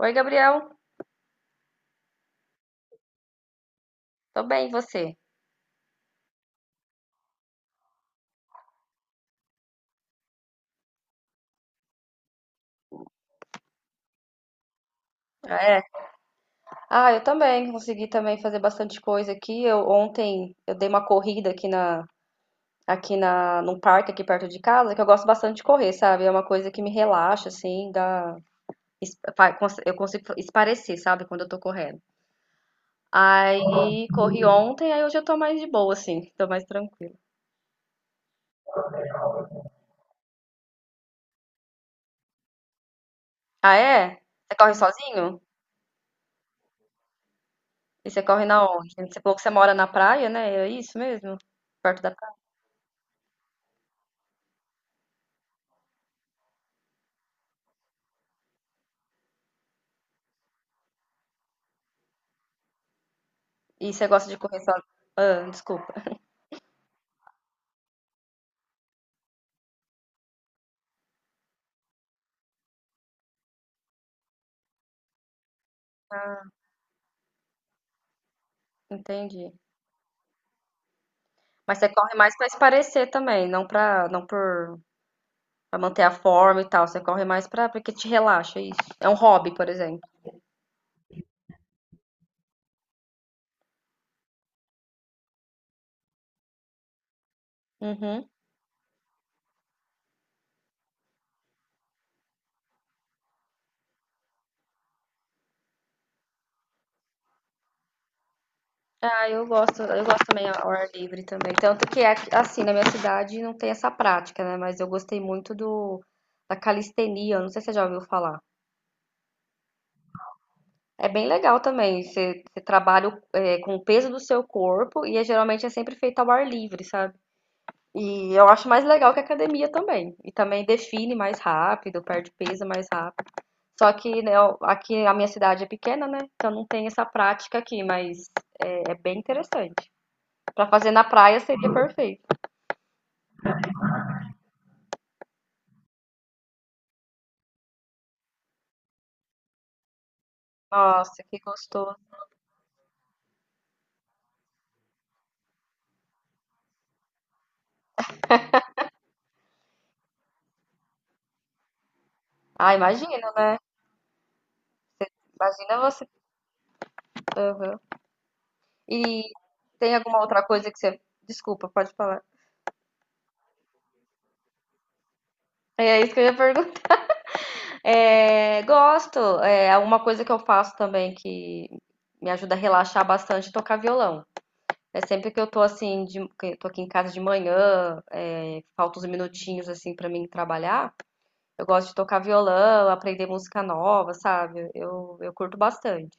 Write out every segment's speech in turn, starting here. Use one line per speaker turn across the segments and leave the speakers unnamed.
Oi, Gabriel. Tô bem, e você? Ah, é. Ah, eu também. Consegui também fazer bastante coisa aqui. Eu ontem eu dei uma corrida aqui na num parque aqui perto de casa, que eu gosto bastante de correr, sabe? É uma coisa que me relaxa assim, dá eu consigo esparecer, sabe, quando eu tô correndo. Aí, uhum, corri ontem, aí hoje eu tô mais de boa assim, tô mais tranquila. Ah, é? Você corre sozinho? E você corre na onde? Você falou que você mora na praia, né? É isso mesmo? Perto da praia. E você gosta de correr sozinho? Ah, desculpa. Entendi. Mas você corre mais pra esparecer também, não pra, não por para manter a forma e tal. Você corre mais pra porque te relaxa, é isso. É um hobby, por exemplo. Uhum. Ah, eu gosto também ao ar livre também. Tanto que assim, na minha cidade não tem essa prática, né? Mas eu gostei muito do da calistenia, não sei se você já ouviu falar. É bem legal também. Você trabalha, com o peso do seu corpo e é, geralmente é sempre feito ao ar livre, sabe? E eu acho mais legal que a academia também. E também define mais rápido, perde peso mais rápido. Só que, né, aqui a minha cidade é pequena, né? Então não tem essa prática aqui, mas é bem interessante. Pra fazer na praia seria perfeito. Nossa, que gostoso. Ah, imagina, né? Imagina você. Aham. E tem alguma outra coisa que você. Desculpa, pode falar. É isso que eu ia perguntar. É, gosto. É uma coisa que eu faço também que me ajuda a relaxar bastante, é tocar violão. É sempre que eu tô assim, de, que eu tô aqui em casa de manhã, é, falta uns minutinhos assim pra mim trabalhar, eu gosto de tocar violão, aprender música nova, sabe? Eu curto bastante.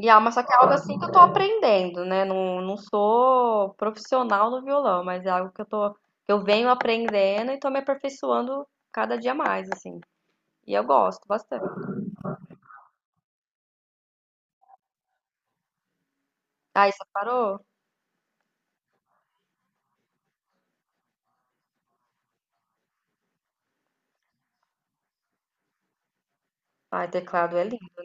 E ah, mas só que é algo assim que eu tô aprendendo, né? Não sou profissional no violão, mas é algo que eu tô, que eu venho aprendendo e tô me aperfeiçoando cada dia mais, assim. E eu gosto bastante. Ai, você parou? Ai, teclado é lindo.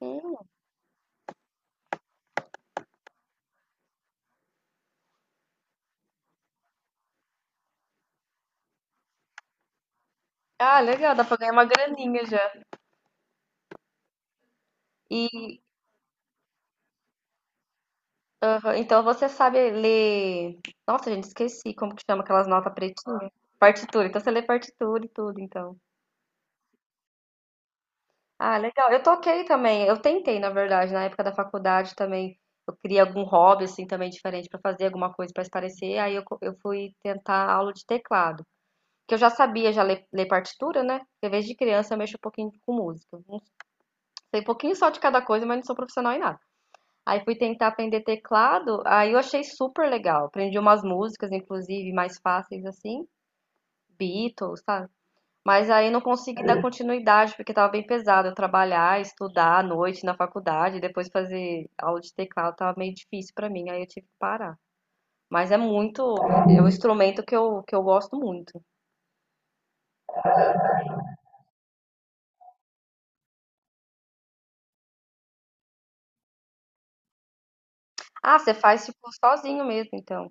Hum. Ah, legal, dá pra ganhar uma graninha já. E aham, então você sabe ler. Nossa, gente, esqueci como que chama aquelas notas pretinhas. Partitura. Então você lê partitura e tudo, então. Ah, legal. Eu toquei também. Eu tentei, na verdade, na época da faculdade também. Eu queria algum hobby assim também diferente pra fazer alguma coisa pra se parecer. Eu fui tentar aula de teclado, que eu já sabia já ler, ler partitura, né? Porque desde criança eu mexo um pouquinho com música. Não sei um pouquinho só de cada coisa, mas não sou profissional em nada. Aí fui tentar aprender teclado, aí eu achei super legal. Aprendi umas músicas, inclusive, mais fáceis assim, Beatles, sabe? Mas aí não consegui dar continuidade, porque tava bem pesado. Eu trabalhar, estudar à noite na faculdade, depois fazer aula de teclado, tava meio difícil pra mim, aí eu tive que parar. Mas é muito, é um instrumento que eu gosto muito. Ah, você faz tipo sozinho mesmo, então.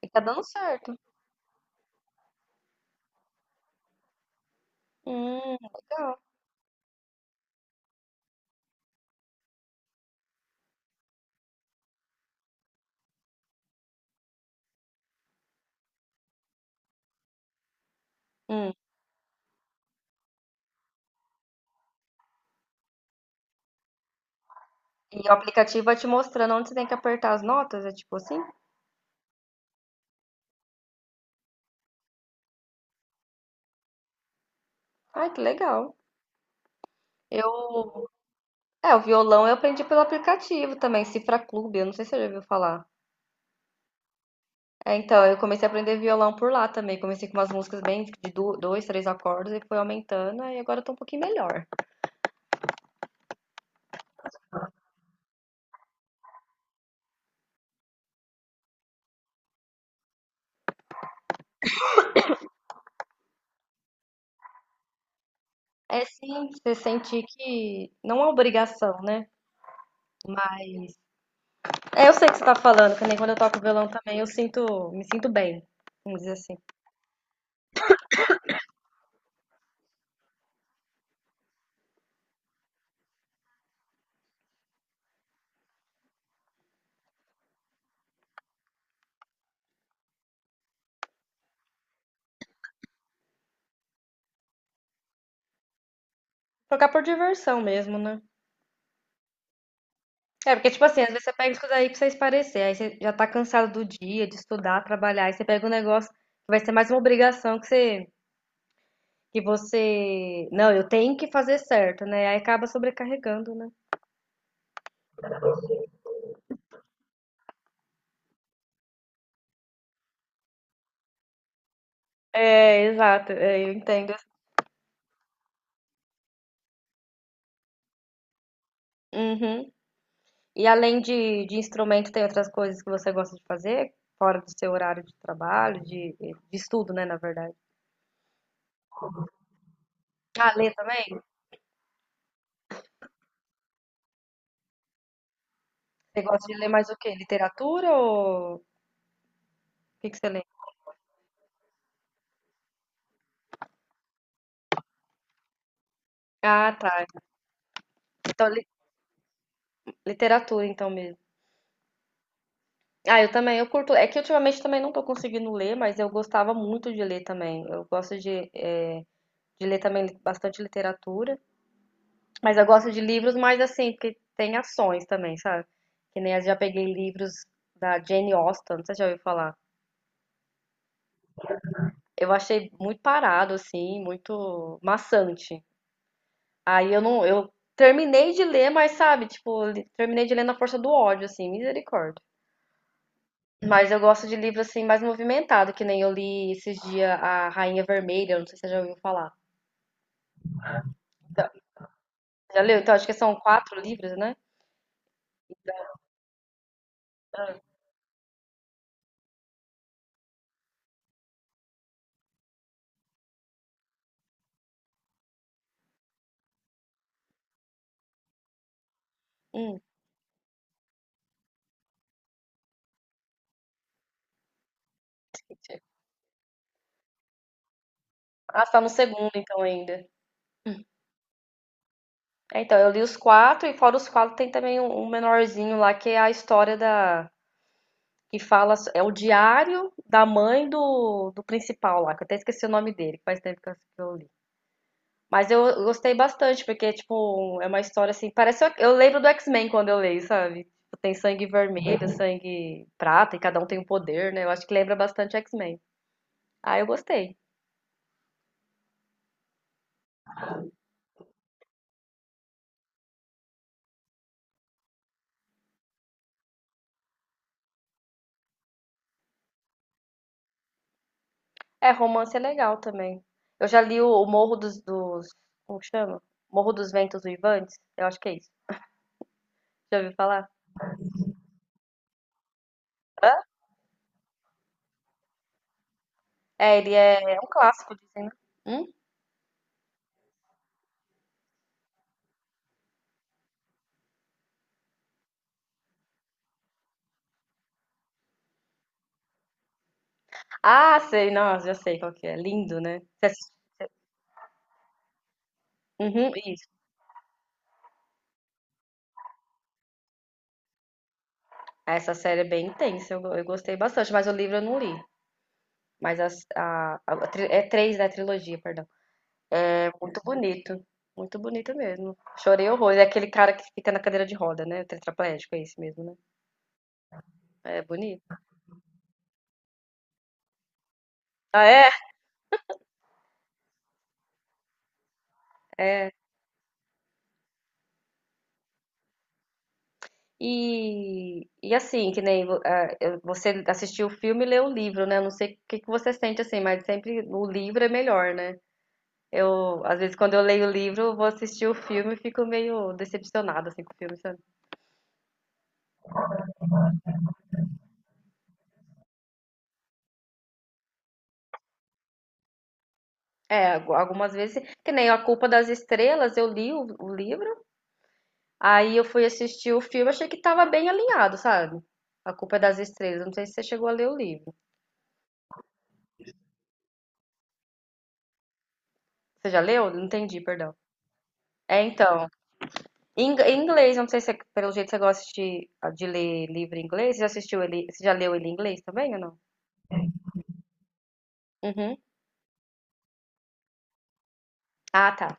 E tá dando certo. Legal. Hum. E o aplicativo vai te mostrando onde você tem que apertar as notas, é tipo assim? Ah, que legal. Eu, o violão eu aprendi pelo aplicativo também, Cifra Clube, eu não sei se você já ouviu falar. É, então, eu comecei a aprender violão por lá também. Comecei com umas músicas bem de dois, três acordes e foi aumentando, aí agora eu tô um pouquinho melhor. É sim, você sentir que não é obrigação, né? Mas é, eu sei o que você tá falando, que nem quando eu toco violão também, me sinto bem, vamos dizer assim. Tocar por diversão mesmo, né? É, porque, tipo assim, às vezes você pega isso daí aí pra você espairecer, aí você já tá cansado do dia, de estudar, trabalhar, aí você pega um negócio que vai ser mais uma obrigação que você, não, eu tenho que fazer certo, né? Aí acaba sobrecarregando, né? É, exato, é, eu entendo. Uhum. E além de instrumento, tem outras coisas que você gosta de fazer, fora do seu horário de trabalho, de estudo, né, na verdade. Ah, ler também? Você gosta de ler mais o quê? Literatura ou o que que você lê? Ah, tá. Então, literatura, então mesmo. Ah, eu também, eu curto. É que ultimamente também não tô conseguindo ler, mas eu gostava muito de ler também. Eu gosto de, eh, de ler também bastante literatura, mas eu gosto de livros mais assim, porque tem ações também, sabe? Que nem eu já peguei livros da Jane Austen, você já ouviu falar? Eu achei muito parado, assim, muito maçante. Aí eu não, eu terminei de ler, mas sabe, tipo, terminei de ler na força do ódio, assim, misericórdia. Mas eu gosto de livro assim mais movimentado, que nem eu li esses dias A Rainha Vermelha, não sei se você já ouviu falar. Então, já leu? Então acho que são quatro livros, né? Hum, entendi. Ah, você tá no segundo então ainda. É, então eu li os quatro e fora os quatro tem também um menorzinho lá que é a história da que fala é o diário da mãe do principal lá, que eu até esqueci o nome dele, que faz tempo que eu li. Mas eu gostei bastante, porque, tipo, é uma história assim. Parece. Eu lembro do X-Men quando eu leio, sabe? Tipo, tem sangue vermelho, uhum, sangue prata, e cada um tem um poder, né? Eu acho que lembra bastante X-Men. Ah, eu gostei. É, romance é legal também. Eu já li o Morro dos, Como que chama? Morro dos Ventos Uivantes? Eu acho que é isso. Já ouviu falar? Hã? É, é um clássico, dizem, né? Hum? Ah, sei, nossa, já sei qual que é. Lindo, né? Você uhum, isso. Essa série é bem intensa, eu gostei bastante, mas o livro eu não li. Mas é três da trilogia, perdão. É muito bonito. Muito bonito mesmo. Chorei horrores. É aquele cara que fica na cadeira de roda, né? O tetraplégico, é esse mesmo, né? É bonito. É. E, e assim, que nem vo- ah, eu- você assistiu o filme e leu o livro, né? Eu não sei o que que você sente assim, mas sempre o livro é melhor, né? Eu, às vezes, quando eu leio o livro, eu vou assistir o filme e fico meio decepcionada assim, com o filme, sabe? É, algumas vezes, que nem A Culpa das Estrelas, eu li o livro. Aí eu fui assistir o filme, achei que tava bem alinhado, sabe? A Culpa é das Estrelas. Não sei se você chegou a ler o livro. Você já leu? Não entendi, perdão. É, então. Em inglês, eu não sei se pelo jeito você gosta de ler livro em inglês. Você já assistiu ele, você já leu ele em inglês também ou não? Uhum. Ah, tá.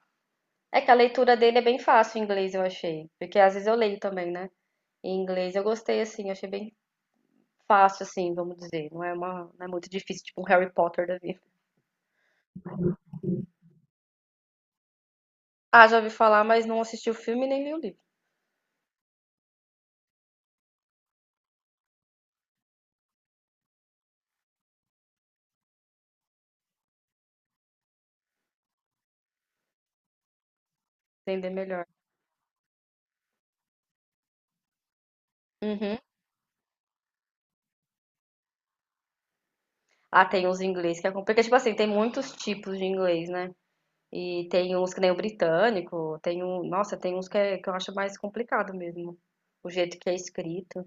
É que a leitura dele é bem fácil em inglês, eu achei. Porque às vezes eu leio também, né? Em inglês eu gostei, assim, eu achei bem fácil, assim, vamos dizer. Não é muito difícil, tipo um Harry Potter da vida. Ah, já ouvi falar, mas não assisti o filme nem li o livro. Entender melhor. Uhum. Ah, tem uns inglês que é complicado. Porque, tipo assim, tem muitos tipos de inglês, né? E tem uns que nem o britânico, tem um. Nossa, tem uns que eu acho mais complicado mesmo. O jeito que é escrito.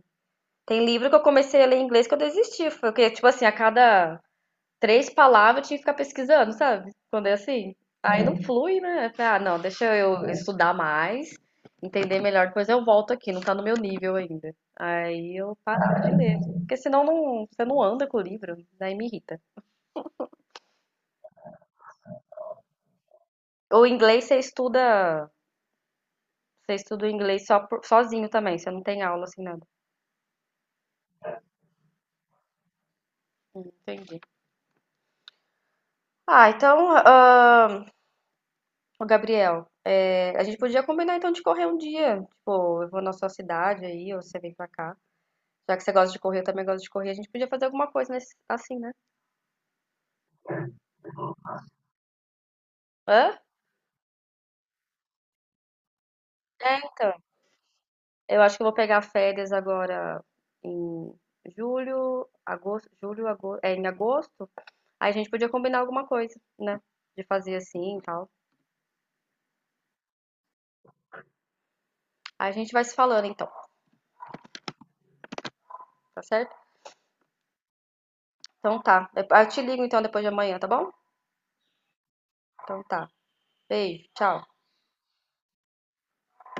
Tem livro que eu comecei a ler em inglês que eu desisti. Foi que, tipo assim, a cada três palavras eu tinha que ficar pesquisando, sabe? Quando é assim. Aí não flui, né? Eu falei, ah, não, deixa eu estudar mais, entender melhor, depois eu volto aqui, não tá no meu nível ainda. Aí eu parava de ler. Porque senão não, você não anda com o livro, daí me irrita. O inglês você estuda o inglês só sozinho também, você não tem aula assim nada. Entendi. Ah, então, ô Gabriel, é, a gente podia combinar então de correr um dia. Tipo, eu vou na sua cidade aí, ou você vem pra cá. Já que você gosta de correr, eu também gosto de correr, a gente podia fazer alguma coisa nesse, assim, né? Hã? É, então. Eu acho que eu vou pegar férias agora em em agosto. Aí a gente podia combinar alguma coisa, né? De fazer assim e tal. Aí a gente vai se falando então. Tá certo? Então tá. Eu te ligo então depois de amanhã, tá bom? Então tá. Beijo, tchau.